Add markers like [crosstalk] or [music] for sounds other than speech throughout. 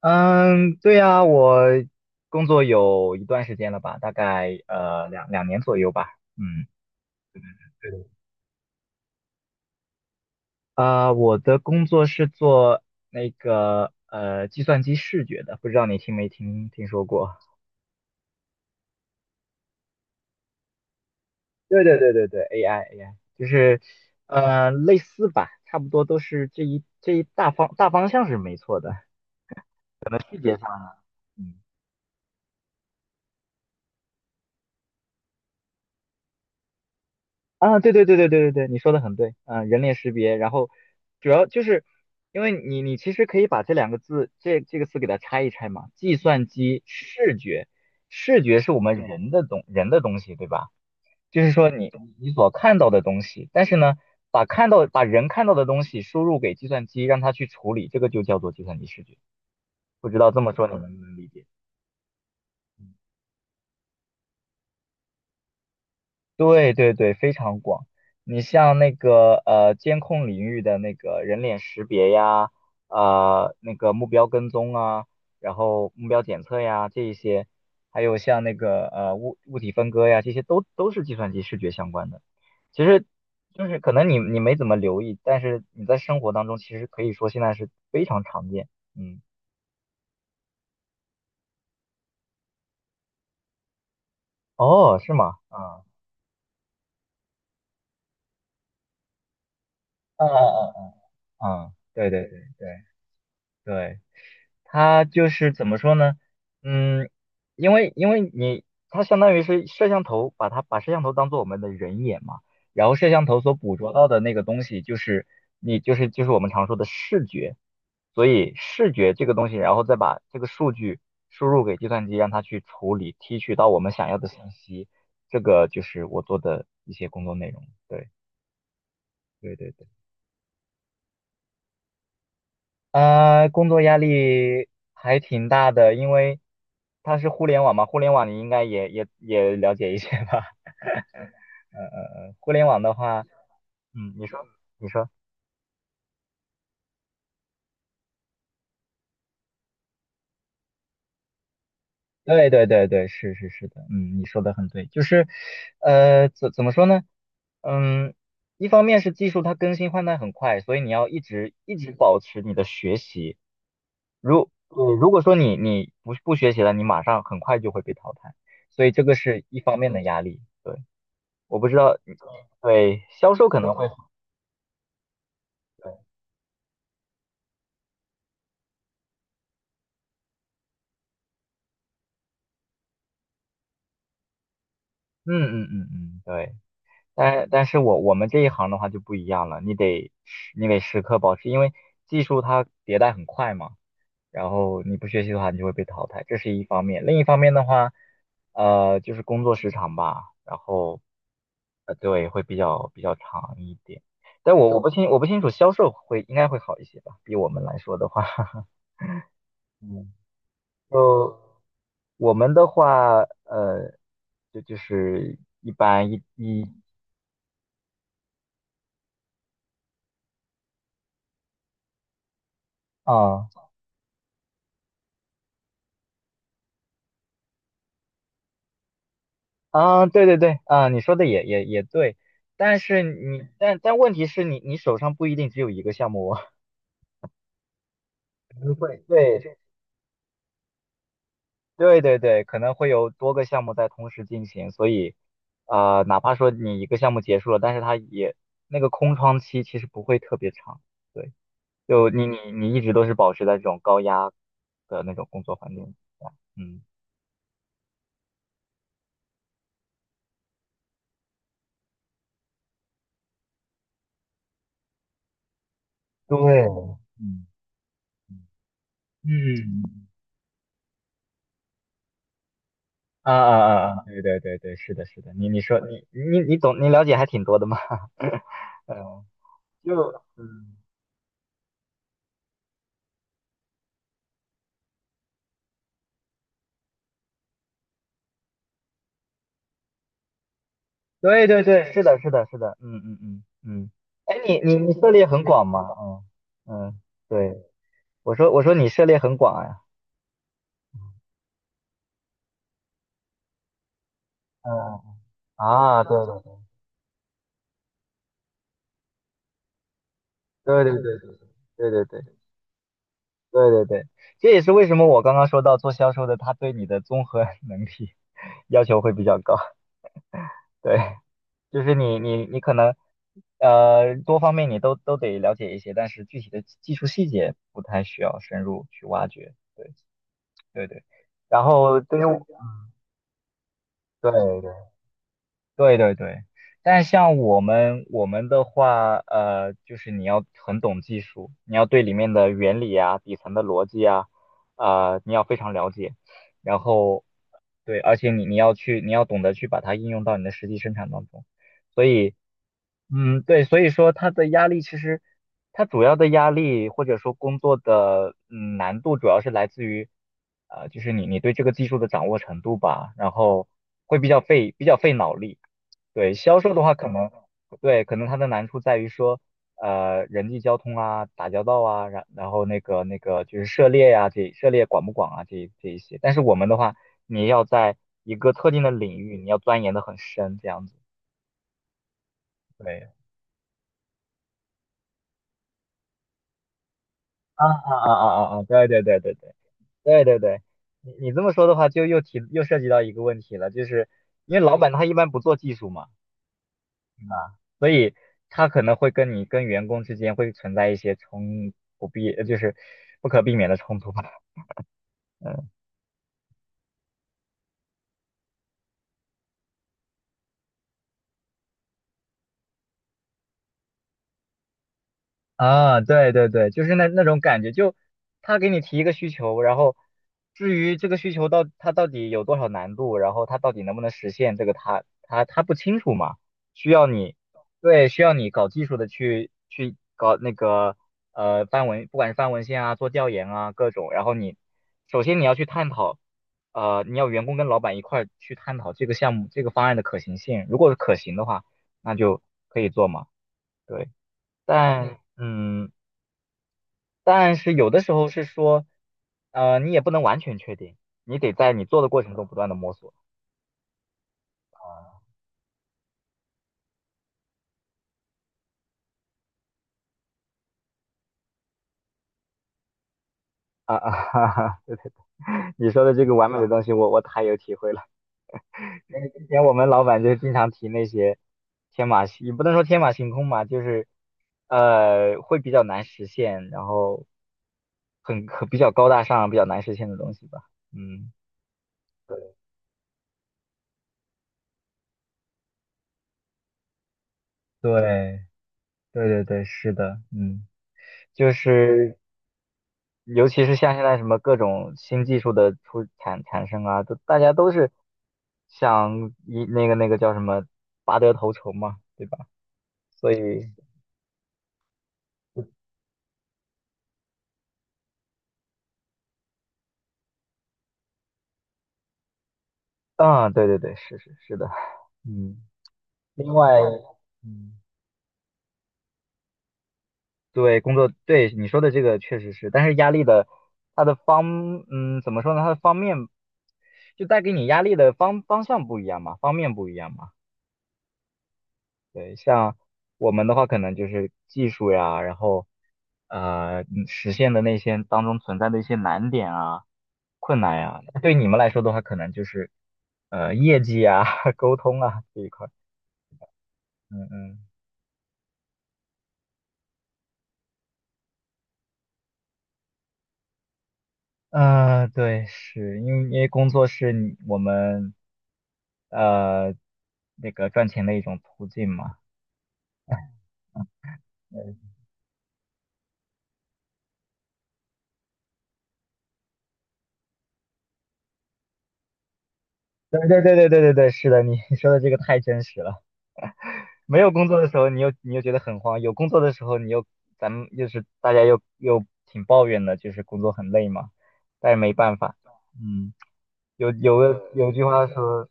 嗯，对呀，我工作有一段时间了吧，大概两年左右吧。嗯，对的，啊，我的工作是做那个计算机视觉的，不知道你听没听说过？对对对对对，AI AI 就是类似吧，差不多都是这一大方向是没错的，可能细节上呢。啊，对对对对对对对，你说的很对，嗯，人脸识别，然后主要就是因为你其实可以把这两个字这个词给它拆一拆嘛，计算机视觉，视觉是我们人的东西，对吧？就是说你所看到的东西，但是呢，把人看到的东西输入给计算机，让它去处理，这个就叫做计算机视觉。不知道这么说你能不能理解？对对对，非常广。你像那个监控领域的那个人脸识别呀，那个目标跟踪啊，然后目标检测呀，这一些，还有像那个物体分割呀，这些都是计算机视觉相关的。其实就是可能你没怎么留意，但是你在生活当中其实可以说现在是非常常见。嗯，哦，是吗？啊，嗯嗯嗯嗯嗯，对对对对对。它就是怎么说呢？嗯，因为它相当于是摄像头，把摄像头当做我们的人眼嘛，然后摄像头所捕捉到的那个东西就是就是我们常说的视觉，所以视觉这个东西，然后再把这个数据输入给计算机，让它去处理提取到我们想要的信息，这个就是我做的一些工作内容。对对对。对。工作压力还挺大的，因为它是互联网嘛，互联网你应该也了解一些吧？[laughs] 嗯嗯嗯，互联网的话，嗯，你说，对对对对，是是是的，嗯，你说的很对，就是，怎么说呢？嗯，一方面是技术它更新换代很快，所以你要一直保持你的学习。如如果说你不学习了，你马上很快就会被淘汰，所以这个是一方面的压力。对。我不知道，对，销售可能会，对，嗯嗯嗯嗯，对，但是我们这一行的话就不一样了，你得时刻保持，因为技术它迭代很快嘛，然后你不学习的话，你就会被淘汰，这是一方面。另一方面的话，就是工作时长吧，然后，对，会比较长一点。但我不清楚销售应该会好一些吧，比我们来说的话，[laughs] 嗯，就我们的话，就是一般啊啊，对对对啊，你说的也对，但是你但但问题是你手上不一定只有一个项目哦，可能会，对对对对，可能会有多个项目在同时进行，所以哪怕说你一个项目结束了，但是它也那个空窗期其实不会特别长，对，就你一直都是保持在这种高压的那种工作环境下，嗯对，嗯。嗯，啊啊啊啊，对对对对，是的，是的，你说你懂，你了解还挺多的嘛，[laughs] 嗯，就嗯，对对对，是的，是的，是的，嗯嗯嗯嗯，哎，你涉猎很广嘛，嗯嗯，对，我说你涉猎很广呀，嗯啊，对对对对对对对对对对对对，这也是为什么我刚刚说到做销售的，他对你的综合 [laughs] 能力要求会比较高，对，就是你可能多方面你都得了解一些，但是具体的技术细节不太需要深入去挖掘。对对对，然后对于对对对对对，但像我们的话，就是你要很懂技术，你要对里面的原理啊、底层的逻辑啊，啊，你要非常了解。然后，对，而且你要懂得去把它应用到你的实际生产当中。所以，嗯，对，所以说它的压力其实，它主要的压力或者说工作的难度主要是来自于，就是你对这个技术的掌握程度吧，然后会比较费脑力。对，销售的话，可能对，可能它的难处在于说，人际交通啊，打交道啊，然后那个就是涉猎呀、这涉猎广不广啊，这一些。但是我们的话，你要在一个特定的领域，你要钻研的很深，这样子。对，啊啊啊啊啊啊！对对对对对对对对，你这么说的话，就又涉及到一个问题了，就是因为老板他一般不做技术嘛。啊，所以他可能会跟员工之间会存在一些冲不必，呃就是不可避免的冲突吧。嗯啊，对对对，就是那种感觉，就他给你提一个需求，然后至于这个需求他到底有多少难度，然后他到底能不能实现，这个他不清楚嘛，需要你对需要你搞技术的去搞那个翻文，不管是翻文献啊，做调研啊各种，然后你首先你要去探讨，你要员工跟老板一块儿去探讨这个项目这个方案的可行性，如果是可行的话，那就可以做嘛。对。但嗯，但是有的时候是说，你也不能完全确定，你得在你做的过程中不断的摸索。啊啊哈哈，对对，你说的这个完美的东西我太有体会了。因为之前我们老板就经常提那些天马行，也不能说天马行空吧，就是会比较难实现，然后比较高大上，比较难实现的东西吧。嗯，对对对对对，是的，嗯。就是尤其是像现在什么各种新技术的产生啊，都大家都是那个叫什么拔得头筹嘛，对吧？所以啊，对对对，是是是的，嗯，另外，嗯，对工作，对你说的这个确实是，但是压力的它的方，嗯，怎么说呢？它的方面就带给你压力的方向不一样嘛，方面不一样嘛。对，像我们的话，可能就是技术呀，然后实现的那些当中存在的一些难点啊、困难呀，对你们来说的话，可能就是业绩啊、[laughs] 沟通啊这一块。嗯嗯，对，是因为工作是我们呃那个赚钱的一种途径嘛。对对对对对对对，是的，你 [laughs] 说的这个太真实了。没有工作的时候，你又觉得很慌；有工作的时候，你又咱们又是大家又又挺抱怨的，就是工作很累嘛。但是没办法，嗯，有句话说，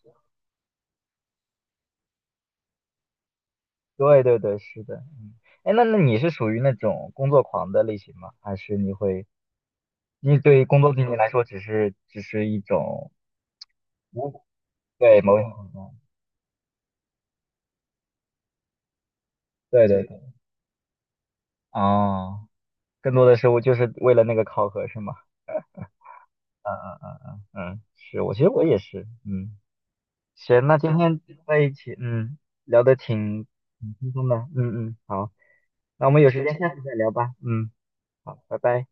对对对，是的，嗯，哎，那你是属于那种工作狂的类型吗？还是你对于工作对你来说只是一种无，对某种程度对对对，哦，更多的是我就是为了那个考核是吗？嗯嗯嗯嗯嗯，其实我也是，嗯。行，那今天在一起，嗯，聊得挺轻松的，嗯嗯，好，那我们有时间下次再聊吧，嗯，好，拜拜。